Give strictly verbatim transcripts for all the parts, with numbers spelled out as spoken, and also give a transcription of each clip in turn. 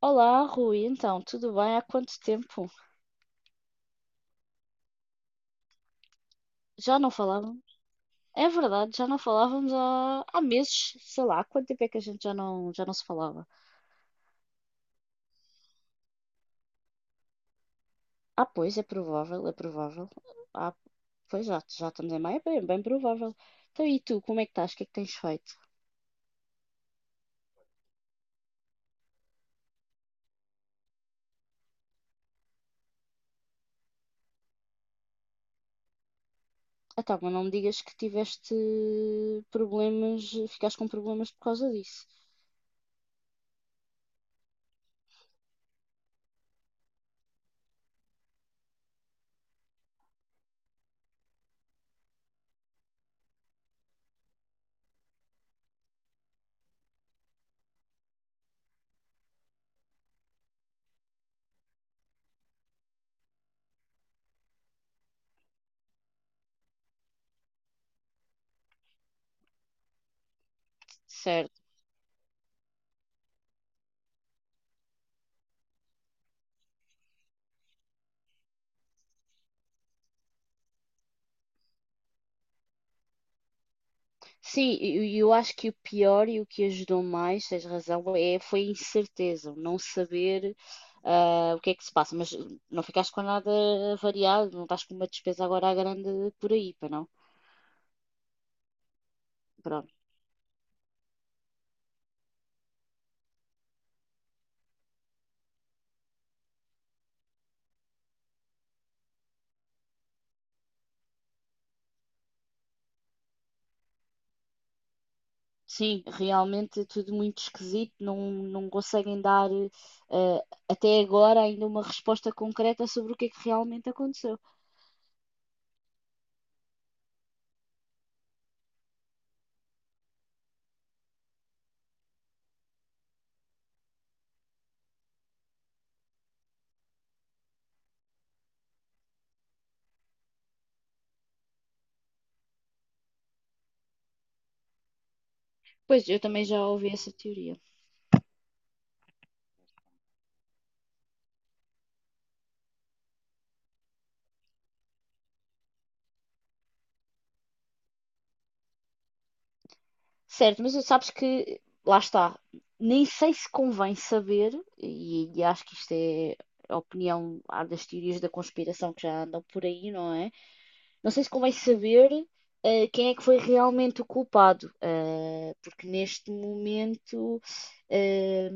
Olá, Rui, então, tudo bem? Há quanto tempo? Já não falávamos? É verdade, já não falávamos há, há meses, sei lá, há quanto tempo é que a gente já não, já não se falava? Ah, pois, é provável, é provável. Ah, Pois já, já estamos em maio, é bem, bem provável. Então, e tu, como é que estás? O que é que tens feito? Ah, tá, mas não me digas que tiveste problemas, ficaste com problemas por causa disso. Sim, e eu acho que o pior e o que ajudou mais, tens razão, é, foi a incerteza, o não saber ah, o que é que se passa, mas não ficaste com nada variado, não estás com uma despesa agora à grande por aí, para não? Pronto. Sim, realmente é tudo muito esquisito, não, não conseguem dar ah, até agora ainda uma resposta concreta sobre o que é que realmente aconteceu. Pois, eu também já ouvi essa teoria. Certo, mas sabes que, lá está, nem sei se convém saber, e, e acho que isto é a opinião há das teorias da conspiração que já andam por aí, não é? Não sei se convém saber eh, quem é que foi realmente o culpado, eh, porque neste momento, eh,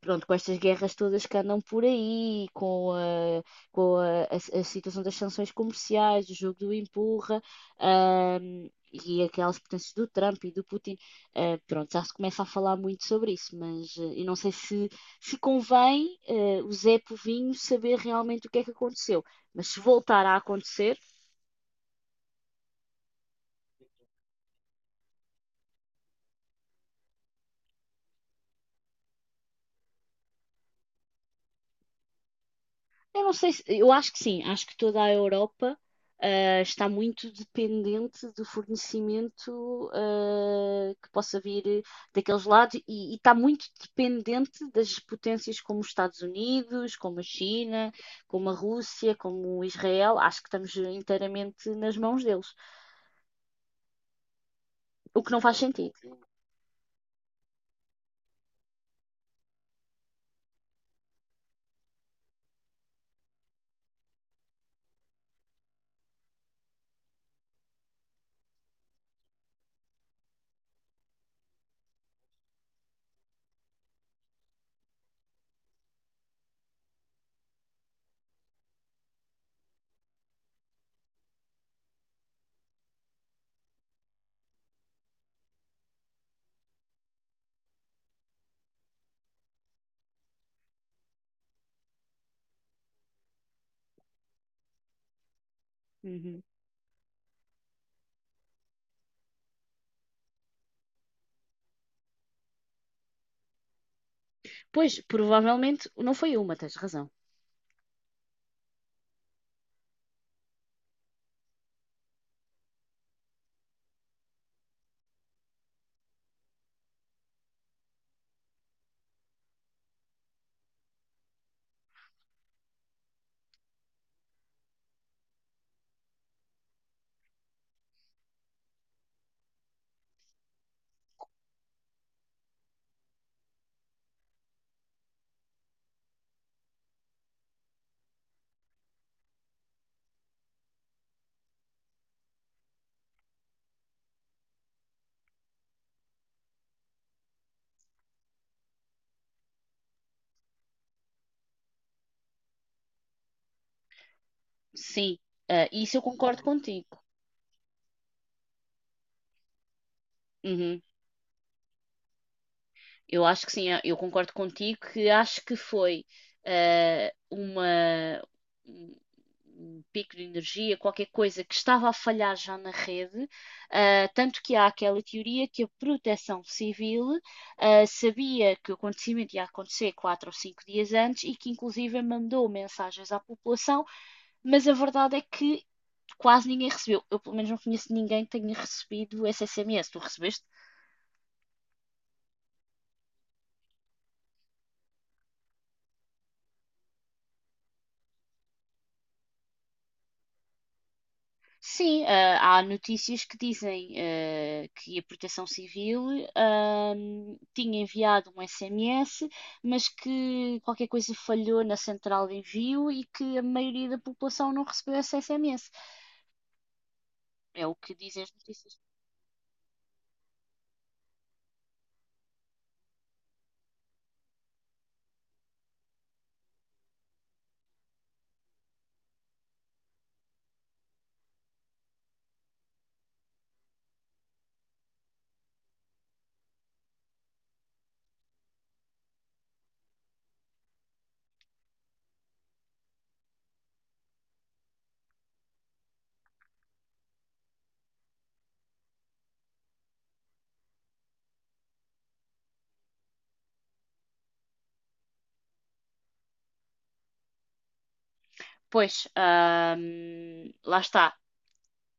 pronto, com estas guerras todas que andam por aí, com a, com a, a- a situação das sanções comerciais, o jogo do empurra, ahm, e aquelas potências do Trump e do Putin, eh, pronto, já se começa a falar muito sobre isso, mas eh, eu não sei se, se convém eh, o Zé Povinho saber realmente o que é que aconteceu, mas se voltar a acontecer. Eu não sei se, eu acho que sim, acho que toda a Europa ah, está muito dependente do fornecimento ah, que possa vir daqueles lados e, e está muito dependente das potências como os Estados Unidos, como a China, como a Rússia, como Israel. Acho que estamos inteiramente nas mãos deles, o que não faz sentido. Uhum. Pois, provavelmente não foi uma, tens razão. Sim, ah, isso eu concordo contigo. Uhum. Eu acho que sim, eu eu concordo contigo que acho que foi ah, uma, um um pico de energia, qualquer coisa que estava a falhar já na rede, ah, tanto que há aquela teoria que a proteção civil ah, sabia que o acontecimento ia acontecer quatro ou cinco dias antes e que inclusive mandou mensagens à população, mas a verdade é que quase ninguém recebeu. Eu pelo menos não conheço ninguém que tenha recebido esse S M S. Tu recebeste? Sim, ah, há notícias que dizem ah, que a Proteção Civil ah, tinha enviado um S M S, mas que qualquer coisa falhou na central de envio e que a maioria da população não recebeu esse S M S. É o que dizem as notícias. Pois, ah, lá está.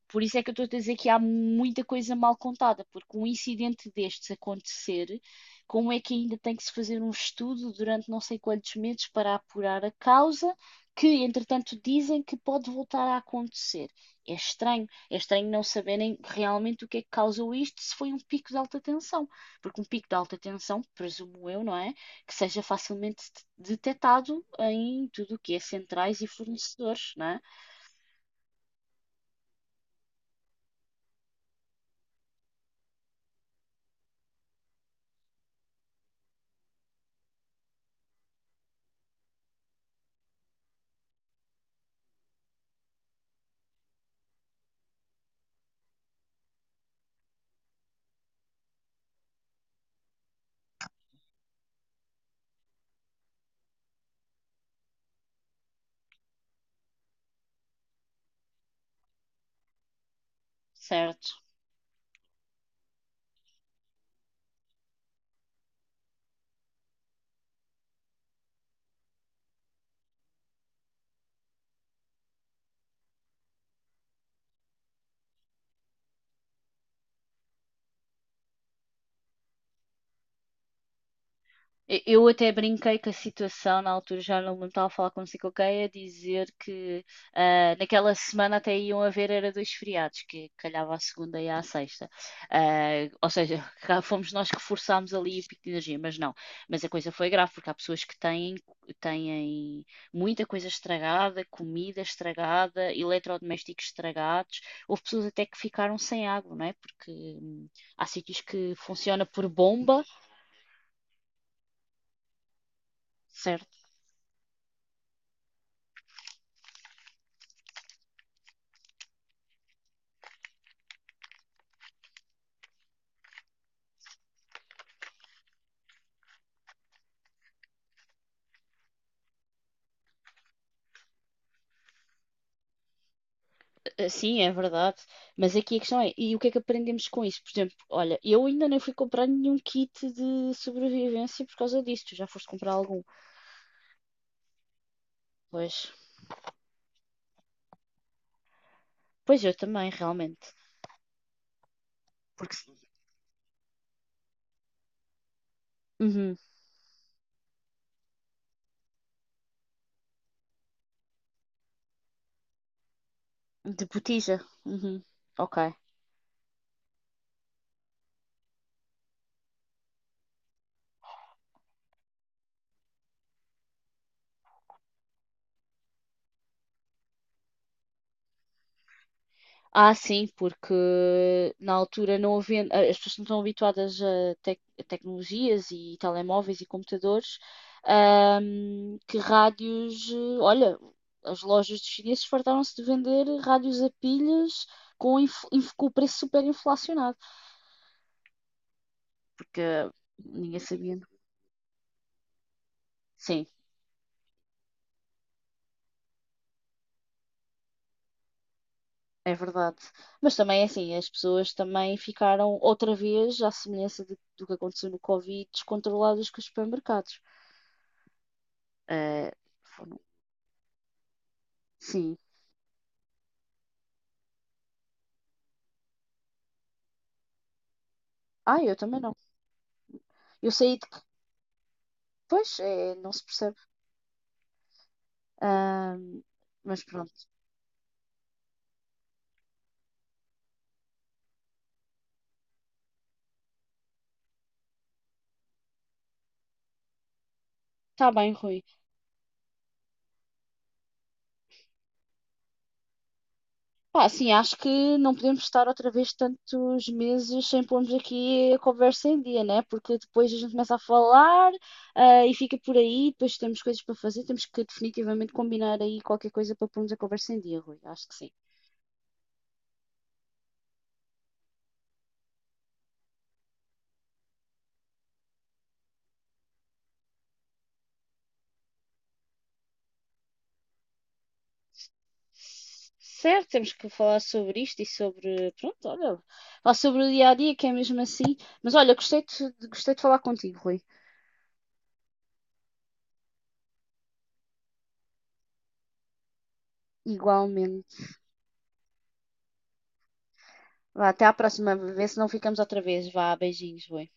Por isso é que eu estou a dizer que há muita coisa mal contada, porque um incidente destes acontecer, como é que ainda tem que se fazer um estudo durante não sei quantos meses para apurar a causa, que entretanto dizem que pode voltar a acontecer? É estranho, é estranho não saberem realmente o que é que causou isto, se foi um pico de alta tensão, porque um pico de alta tensão, presumo eu, não é? Que seja facilmente detectado em tudo o que é centrais e fornecedores, não é? Certo. E- Eu até brinquei com a situação na altura, já não me estava a falar consigo, ok, a dizer que ah, naquela semana até iam haver era dois feriados, que calhava à segunda e à sexta. Ah, ou seja, cá fomos nós que forçámos ali o pico de energia, mas não. Mas a coisa foi grave, porque há pessoas que têm, têm muita coisa estragada, comida estragada, eletrodomésticos estragados. Houve pessoas até que ficaram sem água, não é? Porque hum, há sítios que funciona por bomba. Certo. Ah, sim, é verdade. Mas aqui a questão é, e o que é que aprendemos com isso? Por exemplo, olha, eu ainda nem fui comprar nenhum kit de sobrevivência por causa disso. Tu já foste comprar algum? Pois, pois eu também, realmente. Porque, uhum, de botija. Uhum. Ok. Ah, sim, porque na altura não havendo, as pessoas não estão habituadas a, tec- a tecnologias e telemóveis e computadores, ahm, que rádios, eh, olha, as lojas dos chineses fartaram-se de vender rádios a pilhas com, inf- inf- com o preço super inflacionado, porque ninguém sabia. Sim, é verdade. Mas também é assim, as pessoas também ficaram outra vez, à semelhança de- do que aconteceu no Covid, descontroladas com os supermercados. Eh, sim. Ah, eu também não. Eu saí depois é, não se percebe. Ahm, mas pronto. Está bem, Rui. Pá, sim, acho que não podemos estar outra vez tantos meses sem pormos aqui a conversa em dia, né? Porque depois a gente começa a falar, ah, e fica por aí, depois temos coisas para fazer, temos que definitivamente combinar aí qualquer coisa para pormos a conversa em dia, Rui. Acho que sim. Certo, temos que falar sobre isto e sobre, pronto, olha, falar sobre o dia a dia, que é mesmo assim. Mas olha, gostei de, gostei de falar contigo, Rui. Igualmente. Vá, até à próxima vez, se não ficamos outra vez. Vá, beijinhos, boi.